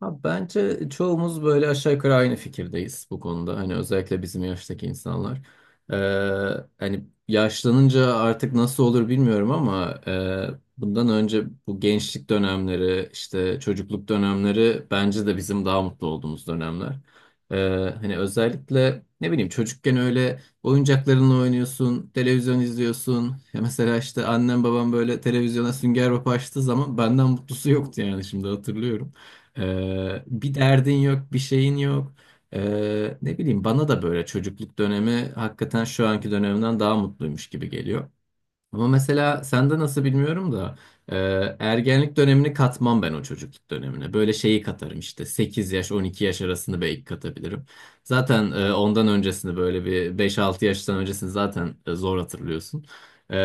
Abi bence çoğumuz böyle aşağı yukarı aynı fikirdeyiz bu konuda. Hani özellikle bizim yaştaki insanlar. Ee, hani yaşlanınca artık nasıl olur bilmiyorum ama bundan önce bu gençlik dönemleri, işte çocukluk dönemleri bence de bizim daha mutlu olduğumuz dönemler. Hani özellikle ne bileyim çocukken öyle oyuncaklarınla oynuyorsun, televizyon izliyorsun. Ya mesela işte annem babam böyle televizyona Sünger Bob açtığı zaman benden mutlusu yoktu yani şimdi hatırlıyorum. Bir derdin yok, bir şeyin yok. Ne bileyim bana da böyle çocukluk dönemi hakikaten şu anki dönemden daha mutluymuş gibi geliyor. Ama mesela sende nasıl bilmiyorum da e, ergenlik dönemini katmam ben o çocukluk dönemine. Böyle şeyi katarım işte 8 yaş 12 yaş arasını belki katabilirim. Zaten ondan öncesini böyle bir beş altı yaştan öncesini zaten zor hatırlıyorsun. E,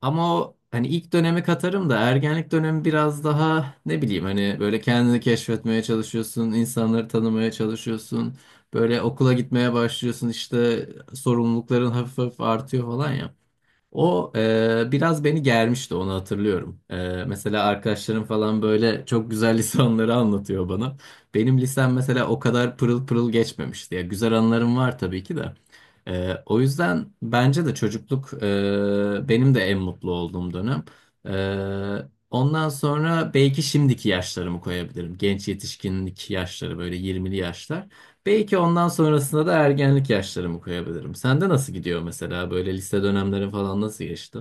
ama o hani ilk dönemi katarım da ergenlik dönemi biraz daha ne bileyim hani böyle kendini keşfetmeye çalışıyorsun, insanları tanımaya çalışıyorsun. Böyle okula gitmeye başlıyorsun işte sorumlulukların hafif hafif artıyor falan ya. Biraz beni germişti onu hatırlıyorum. Mesela arkadaşlarım falan böyle çok güzel lisanları anlatıyor bana. Benim lisem mesela o kadar pırıl pırıl geçmemişti. Ya güzel anılarım var tabii ki de. O yüzden bence de çocukluk benim de en mutlu olduğum dönem. Ondan sonra belki şimdiki yaşlarımı koyabilirim. Genç yetişkinlik yaşları böyle 20'li yaşlar. Belki ondan sonrasında da ergenlik yaşlarımı koyabilirim. Sende nasıl gidiyor mesela böyle lise dönemlerin falan nasıl geçti?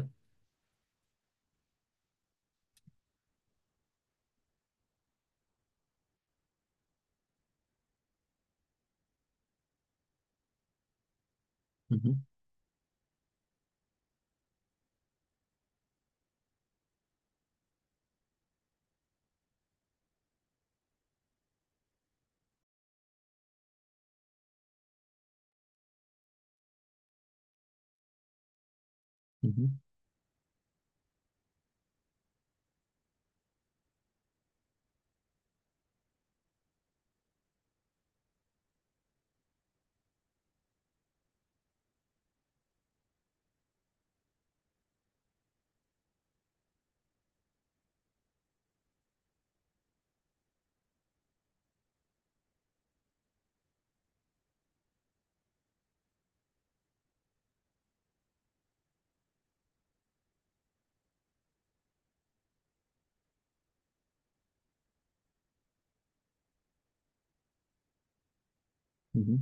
Hı hı, hı hı, hı hı,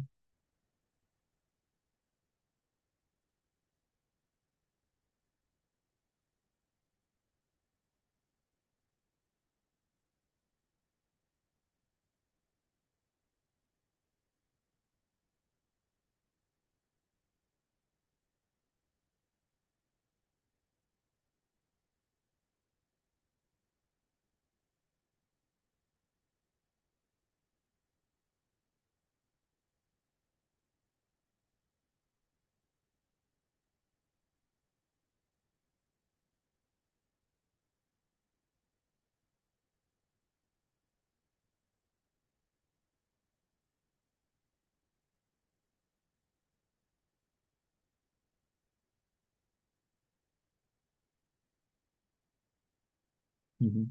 hı hı.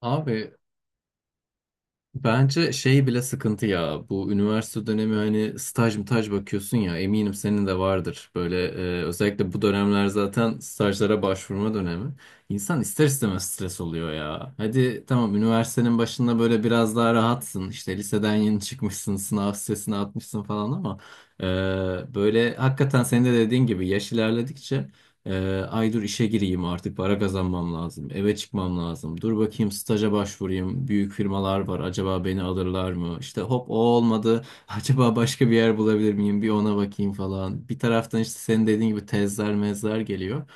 Abi bence şey bile sıkıntı ya bu üniversite dönemi hani staj mı taj bakıyorsun ya eminim senin de vardır böyle özellikle bu dönemler zaten stajlara başvurma dönemi insan ister istemez stres oluyor ya hadi tamam üniversitenin başında böyle biraz daha rahatsın işte liseden yeni çıkmışsın sınav stresini atmışsın falan ama böyle hakikaten senin de dediğin gibi yaş ilerledikçe ay dur işe gireyim artık para kazanmam lazım. Eve çıkmam lazım. Dur bakayım staja başvurayım. Büyük firmalar var. Acaba beni alırlar mı? İşte hop o olmadı. Acaba başka bir yer bulabilir miyim? Bir ona bakayım falan. Bir taraftan işte senin dediğin gibi tezler mezler geliyor.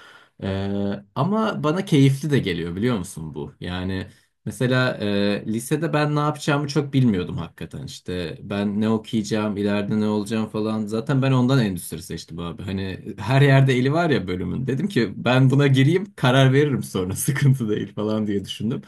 Ama bana keyifli de geliyor biliyor musun bu? Yani mesela lisede ben ne yapacağımı çok bilmiyordum hakikaten işte ben ne okuyacağım ileride ne olacağım falan zaten ben ondan endüstri seçtim abi hani her yerde eli var ya bölümün dedim ki ben buna gireyim karar veririm sonra sıkıntı değil falan diye düşündüm.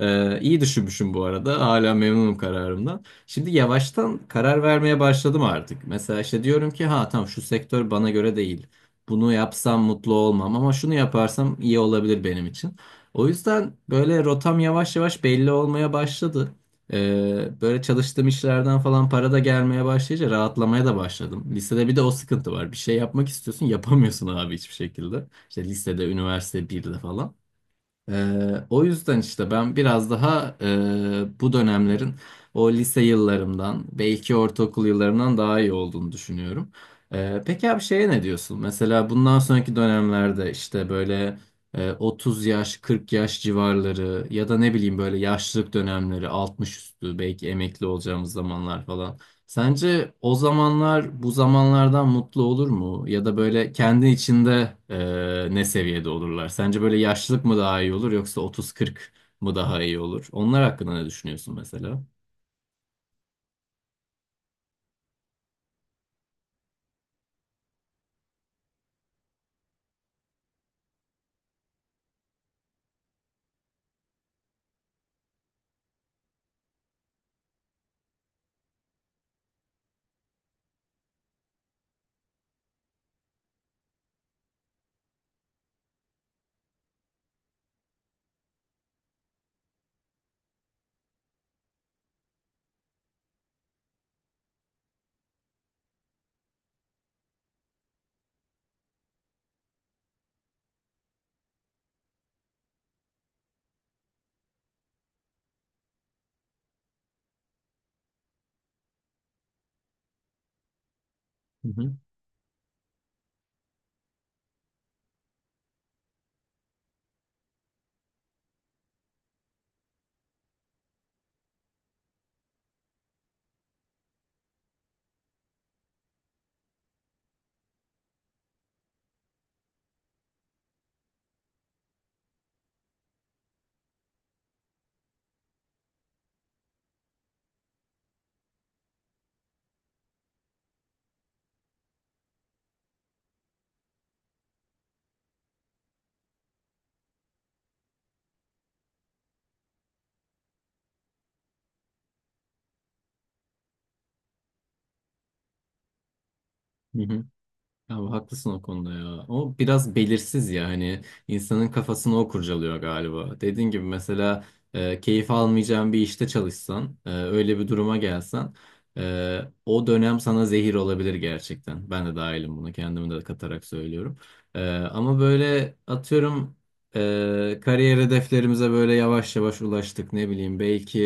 İyi düşünmüşüm bu arada hala memnunum kararımdan. Şimdi yavaştan karar vermeye başladım artık mesela işte diyorum ki ha tamam şu sektör bana göre değil bunu yapsam mutlu olmam ama şunu yaparsam iyi olabilir benim için. O yüzden böyle rotam yavaş yavaş belli olmaya başladı. Böyle çalıştığım işlerden falan para da gelmeye başlayınca rahatlamaya da başladım. Lisede bir de o sıkıntı var. Bir şey yapmak istiyorsun, yapamıyorsun abi hiçbir şekilde. İşte lisede, üniversite birde falan. O yüzden işte ben biraz daha bu dönemlerin o lise yıllarımdan belki ortaokul yıllarımdan daha iyi olduğunu düşünüyorum. Peki abi şeye ne diyorsun? Mesela bundan sonraki dönemlerde işte böyle 30 yaş 40 yaş civarları ya da ne bileyim böyle yaşlılık dönemleri 60 üstü belki emekli olacağımız zamanlar falan. Sence o zamanlar bu zamanlardan mutlu olur mu? Ya da böyle kendi içinde ne seviyede olurlar? Sence böyle yaşlılık mı daha iyi olur yoksa 30-40 mı daha iyi olur? Onlar hakkında ne düşünüyorsun mesela? Hı hı. Hı hı. Ya haklısın o konuda ya. O biraz belirsiz ya hani insanın kafasını o kurcalıyor galiba. Dediğin gibi mesela keyif almayacağın bir işte çalışsan, öyle bir duruma gelsen e, o dönem sana zehir olabilir gerçekten. Ben de dahilim bunu kendimi de katarak söylüyorum. Ama böyle atıyorum kariyer hedeflerimize böyle yavaş yavaş ulaştık ne bileyim belki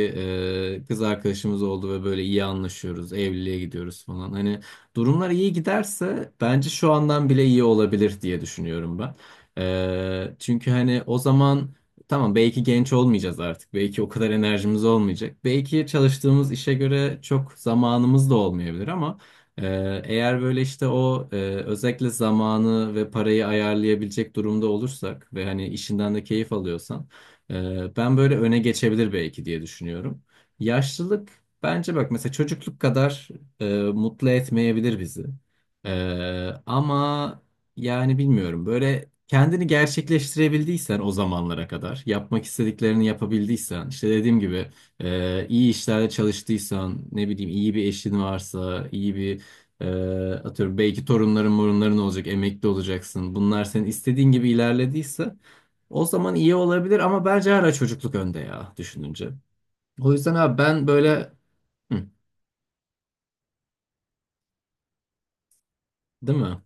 kız arkadaşımız oldu ve böyle iyi anlaşıyoruz, evliliğe gidiyoruz falan. Hani durumlar iyi giderse bence şu andan bile iyi olabilir diye düşünüyorum ben. Çünkü hani o zaman tamam belki genç olmayacağız artık. Belki o kadar enerjimiz olmayacak. Belki çalıştığımız işe göre çok zamanımız da olmayabilir ama eğer böyle işte özellikle zamanı ve parayı ayarlayabilecek durumda olursak ve hani işinden de keyif alıyorsan ben böyle öne geçebilir belki diye düşünüyorum. Yaşlılık bence bak mesela çocukluk kadar mutlu etmeyebilir bizi. E, ama yani bilmiyorum böyle kendini gerçekleştirebildiysen o zamanlara kadar yapmak istediklerini yapabildiysen işte dediğim gibi iyi işlerde çalıştıysan ne bileyim iyi bir eşin varsa iyi bir e, atıyorum belki torunların morunların olacak emekli olacaksın bunlar senin istediğin gibi ilerlediyse o zaman iyi olabilir ama bence hala çocukluk önde ya düşününce. O yüzden abi ben böyle hı, değil mi?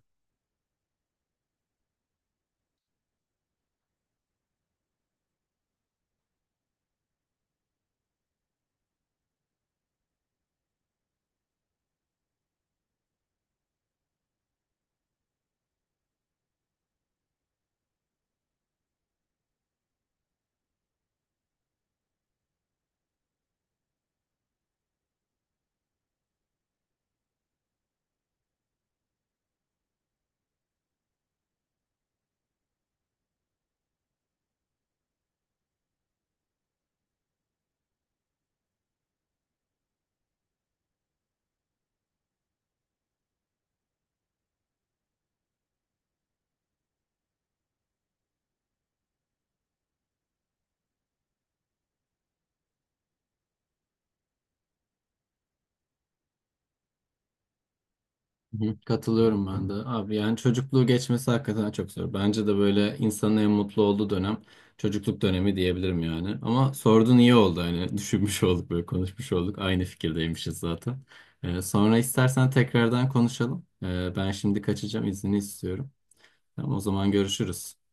Hı, katılıyorum ben de. Abi yani çocukluğu geçmesi hakikaten çok zor. Bence de böyle insanın en mutlu olduğu dönem çocukluk dönemi diyebilirim yani. Ama sordun iyi oldu hani düşünmüş olduk böyle konuşmuş olduk. Aynı fikirdeymişiz zaten. Sonra istersen tekrardan konuşalım. Ben şimdi kaçacağım izni istiyorum. Tamam, o zaman görüşürüz.